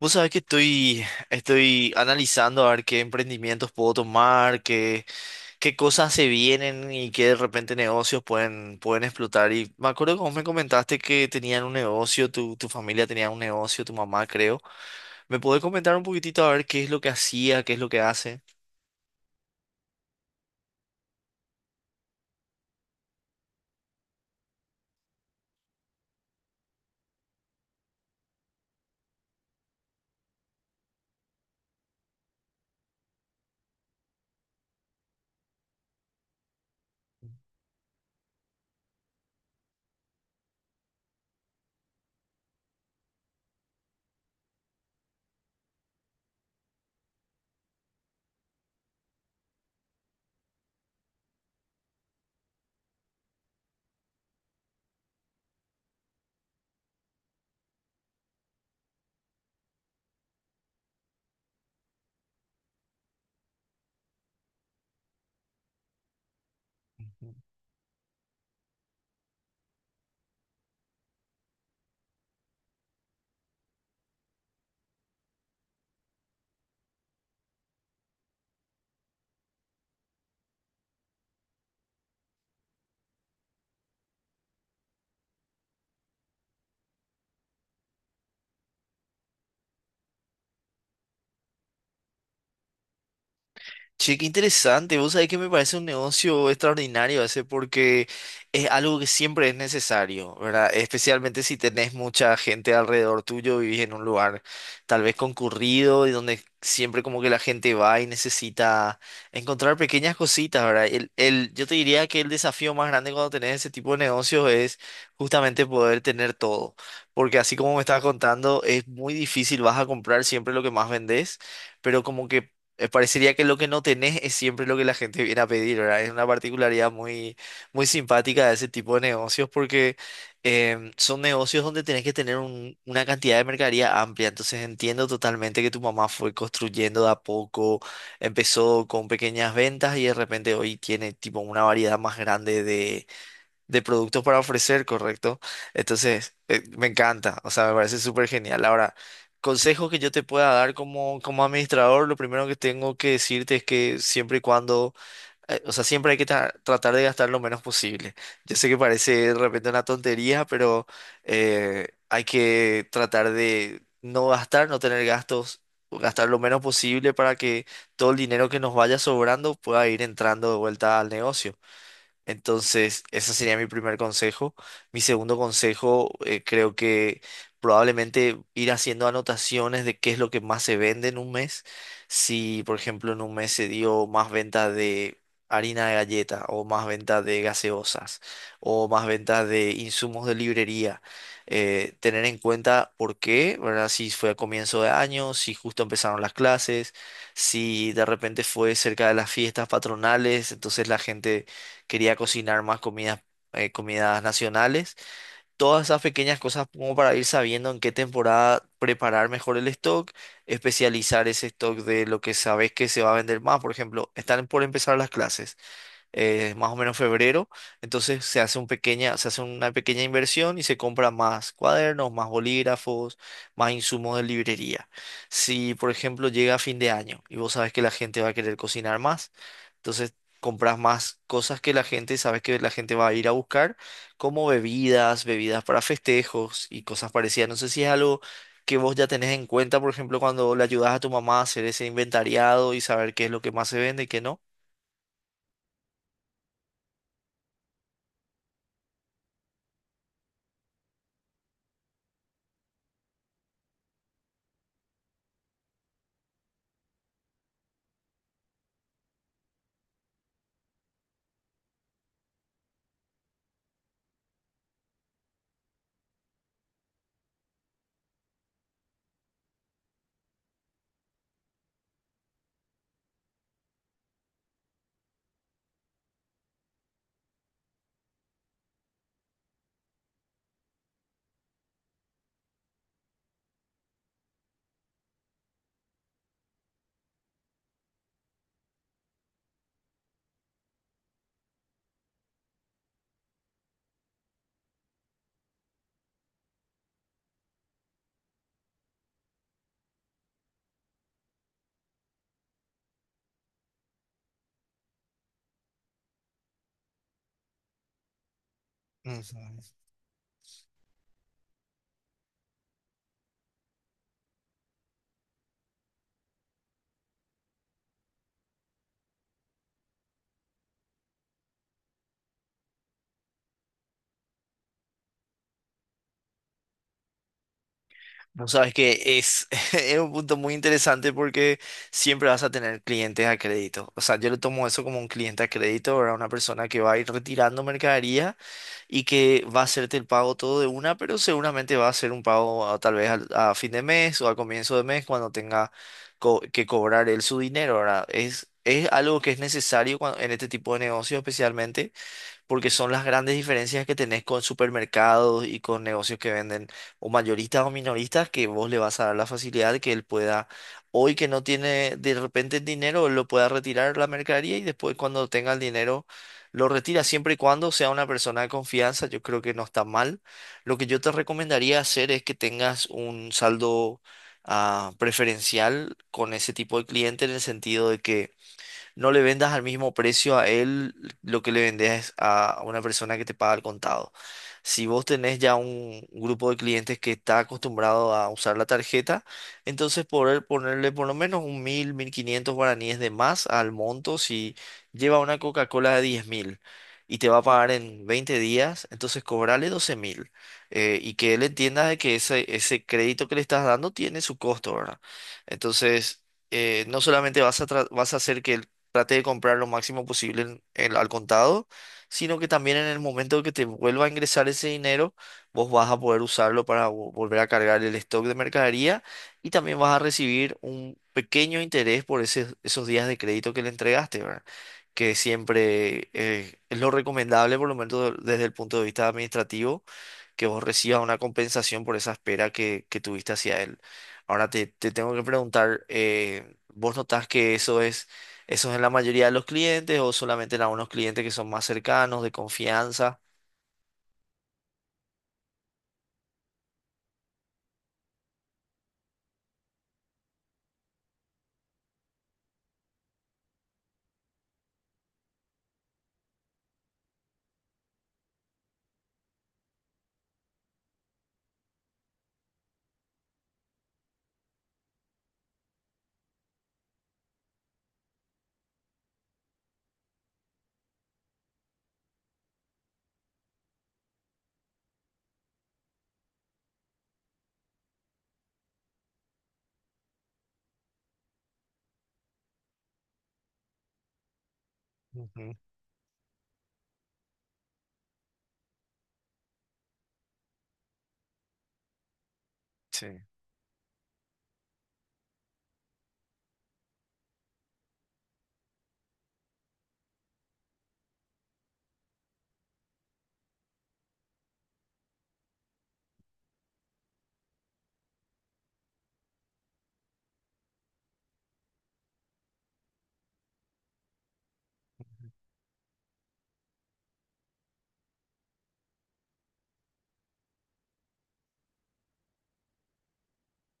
Vos sabés que estoy analizando a ver qué emprendimientos puedo tomar, qué cosas se vienen y qué de repente negocios pueden explotar. Y me acuerdo que vos me comentaste que tenían un negocio, tu familia tenía un negocio, tu mamá creo. ¿Me podés comentar un poquitito a ver qué es lo que hacía, qué es lo que hace? Che, qué interesante. Vos sabés que me parece un negocio extraordinario ese porque es algo que siempre es necesario, ¿verdad? Especialmente si tenés mucha gente alrededor tuyo, vivís en un lugar tal vez concurrido y donde siempre como que la gente va y necesita encontrar pequeñas cositas, ¿verdad? Yo te diría que el desafío más grande cuando tenés ese tipo de negocios es justamente poder tener todo, porque así como me estabas contando, es muy difícil, vas a comprar siempre lo que más vendés, pero como que parecería que lo que no tenés es siempre lo que la gente viene a pedir, ¿verdad? Es una particularidad muy simpática de ese tipo de negocios porque son negocios donde tenés que tener una cantidad de mercadería amplia. Entonces entiendo totalmente que tu mamá fue construyendo de a poco, empezó con pequeñas ventas y de repente hoy tiene tipo una variedad más grande de productos para ofrecer, ¿correcto? Entonces, me encanta, o sea, me parece súper genial. Ahora, consejos que yo te pueda dar como, como administrador, lo primero que tengo que decirte es que siempre y cuando, o sea, siempre hay que tratar de gastar lo menos posible. Yo sé que parece de repente una tontería, pero hay que tratar de no gastar, no tener gastos. Gastar lo menos posible para que todo el dinero que nos vaya sobrando pueda ir entrando de vuelta al negocio. Entonces, ese sería mi primer consejo. Mi segundo consejo, creo que probablemente ir haciendo anotaciones de qué es lo que más se vende en un mes. Si, por ejemplo, en un mes se dio más venta de harina de galleta o más venta de gaseosas o más venta de insumos de librería. Tener en cuenta por qué, ¿verdad? Si fue a comienzo de año, si justo empezaron las clases, si de repente fue cerca de las fiestas patronales, entonces la gente quería cocinar más comidas, comidas nacionales. Todas esas pequeñas cosas como para ir sabiendo en qué temporada preparar mejor el stock, especializar ese stock de lo que sabes que se va a vender más. Por ejemplo, están por empezar las clases, más o menos febrero. Entonces se hace una pequeña inversión y se compra más cuadernos, más bolígrafos, más insumos de librería. Si, por ejemplo, llega a fin de año y vos sabes que la gente va a querer cocinar más, entonces compras más cosas que sabes que la gente va a ir a buscar, como bebidas, bebidas para festejos y cosas parecidas. No sé si es algo que vos ya tenés en cuenta, por ejemplo, cuando le ayudas a tu mamá a hacer ese inventariado y saber qué es lo que más se vende y qué no. Ujú. Vos sabes que es, es un punto muy interesante porque siempre vas a tener clientes a crédito. O sea, yo lo tomo eso como un cliente a crédito, ¿verdad? Una persona que va a ir retirando mercadería y que va a hacerte el pago todo de una, pero seguramente va a hacer un tal vez a fin de mes o a comienzo de mes cuando tenga que cobrar él su dinero, ¿verdad? Es algo que es necesario cuando en este tipo de negocio, especialmente porque son las grandes diferencias que tenés con supermercados y con negocios que venden o mayoristas o minoristas, que vos le vas a dar la facilidad de que él pueda, hoy que no tiene de repente el dinero, él lo pueda retirar la mercadería y después cuando tenga el dinero. Lo retira siempre y cuando sea una persona de confianza, yo creo que no está mal. Lo que yo te recomendaría hacer es que tengas un saldo preferencial con ese tipo de cliente, en el sentido de que no le vendas al mismo precio a él lo que le vendes a una persona que te paga al contado. Si vos tenés ya un grupo de clientes que está acostumbrado a usar la tarjeta, entonces poder ponerle por lo menos 1.000, 1.500 guaraníes de más al monto si lleva una Coca-Cola de 10.000. Y te va a pagar en 20 días, entonces cobrale 12.000. Y que él entienda de que ese crédito que le estás dando tiene su costo, ¿verdad? Entonces, no solamente vas a hacer que trate de comprar lo máximo posible al contado, sino que también en el momento que te vuelva a ingresar ese dinero, vos vas a poder usarlo para volver a cargar el stock de mercadería y también vas a recibir un pequeño interés por esos días de crédito que le entregaste, ¿verdad? Que siempre es lo recomendable, por lo menos desde el punto de vista administrativo, que vos recibas una compensación por esa espera que tuviste hacia él. Ahora te tengo que preguntar, ¿vos notás que eso es en la mayoría de los clientes o solamente en algunos clientes que son más cercanos, de confianza? Ujú. Sí.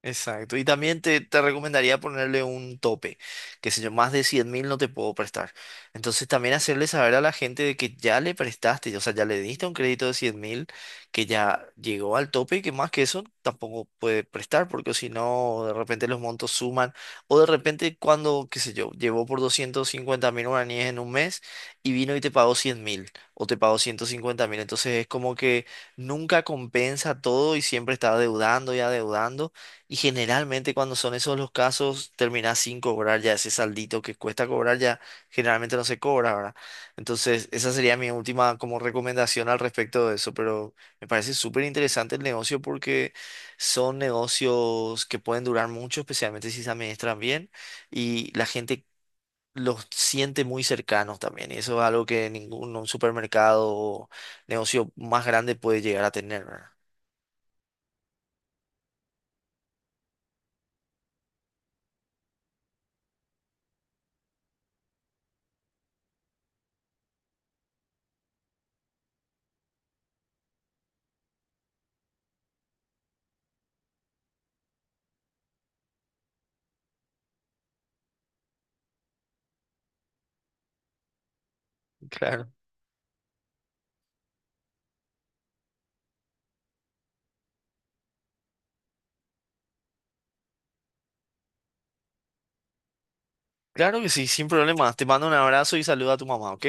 Exacto. Y también te recomendaría ponerle un tope, que sé yo, más de 100.000 no te puedo prestar. Entonces también hacerle saber a la gente de que ya le prestaste, o sea, ya le diste un crédito de 100.000, que ya llegó al tope y que más que eso tampoco puede prestar, porque si no, de repente los montos suman, o de repente cuando, qué sé yo, llevó por 250.000 guaraníes en un mes y vino y te pagó 100.000, o te pagó 150.000. Entonces es como que nunca compensa todo y siempre está adeudando y adeudando. Y generalmente cuando son esos los casos, terminás sin cobrar ya ese saldito que cuesta cobrar, ya generalmente no se cobra, ¿verdad? Entonces, esa sería mi última como recomendación al respecto de eso, pero me parece súper interesante el negocio porque son negocios que pueden durar mucho, especialmente si se administran bien y la gente los siente muy cercanos también. Y eso es algo que ningún un supermercado o negocio más grande puede llegar a tener, ¿verdad? Claro. Claro que sí, sin problema. Te mando un abrazo y saluda a tu mamá, ¿ok?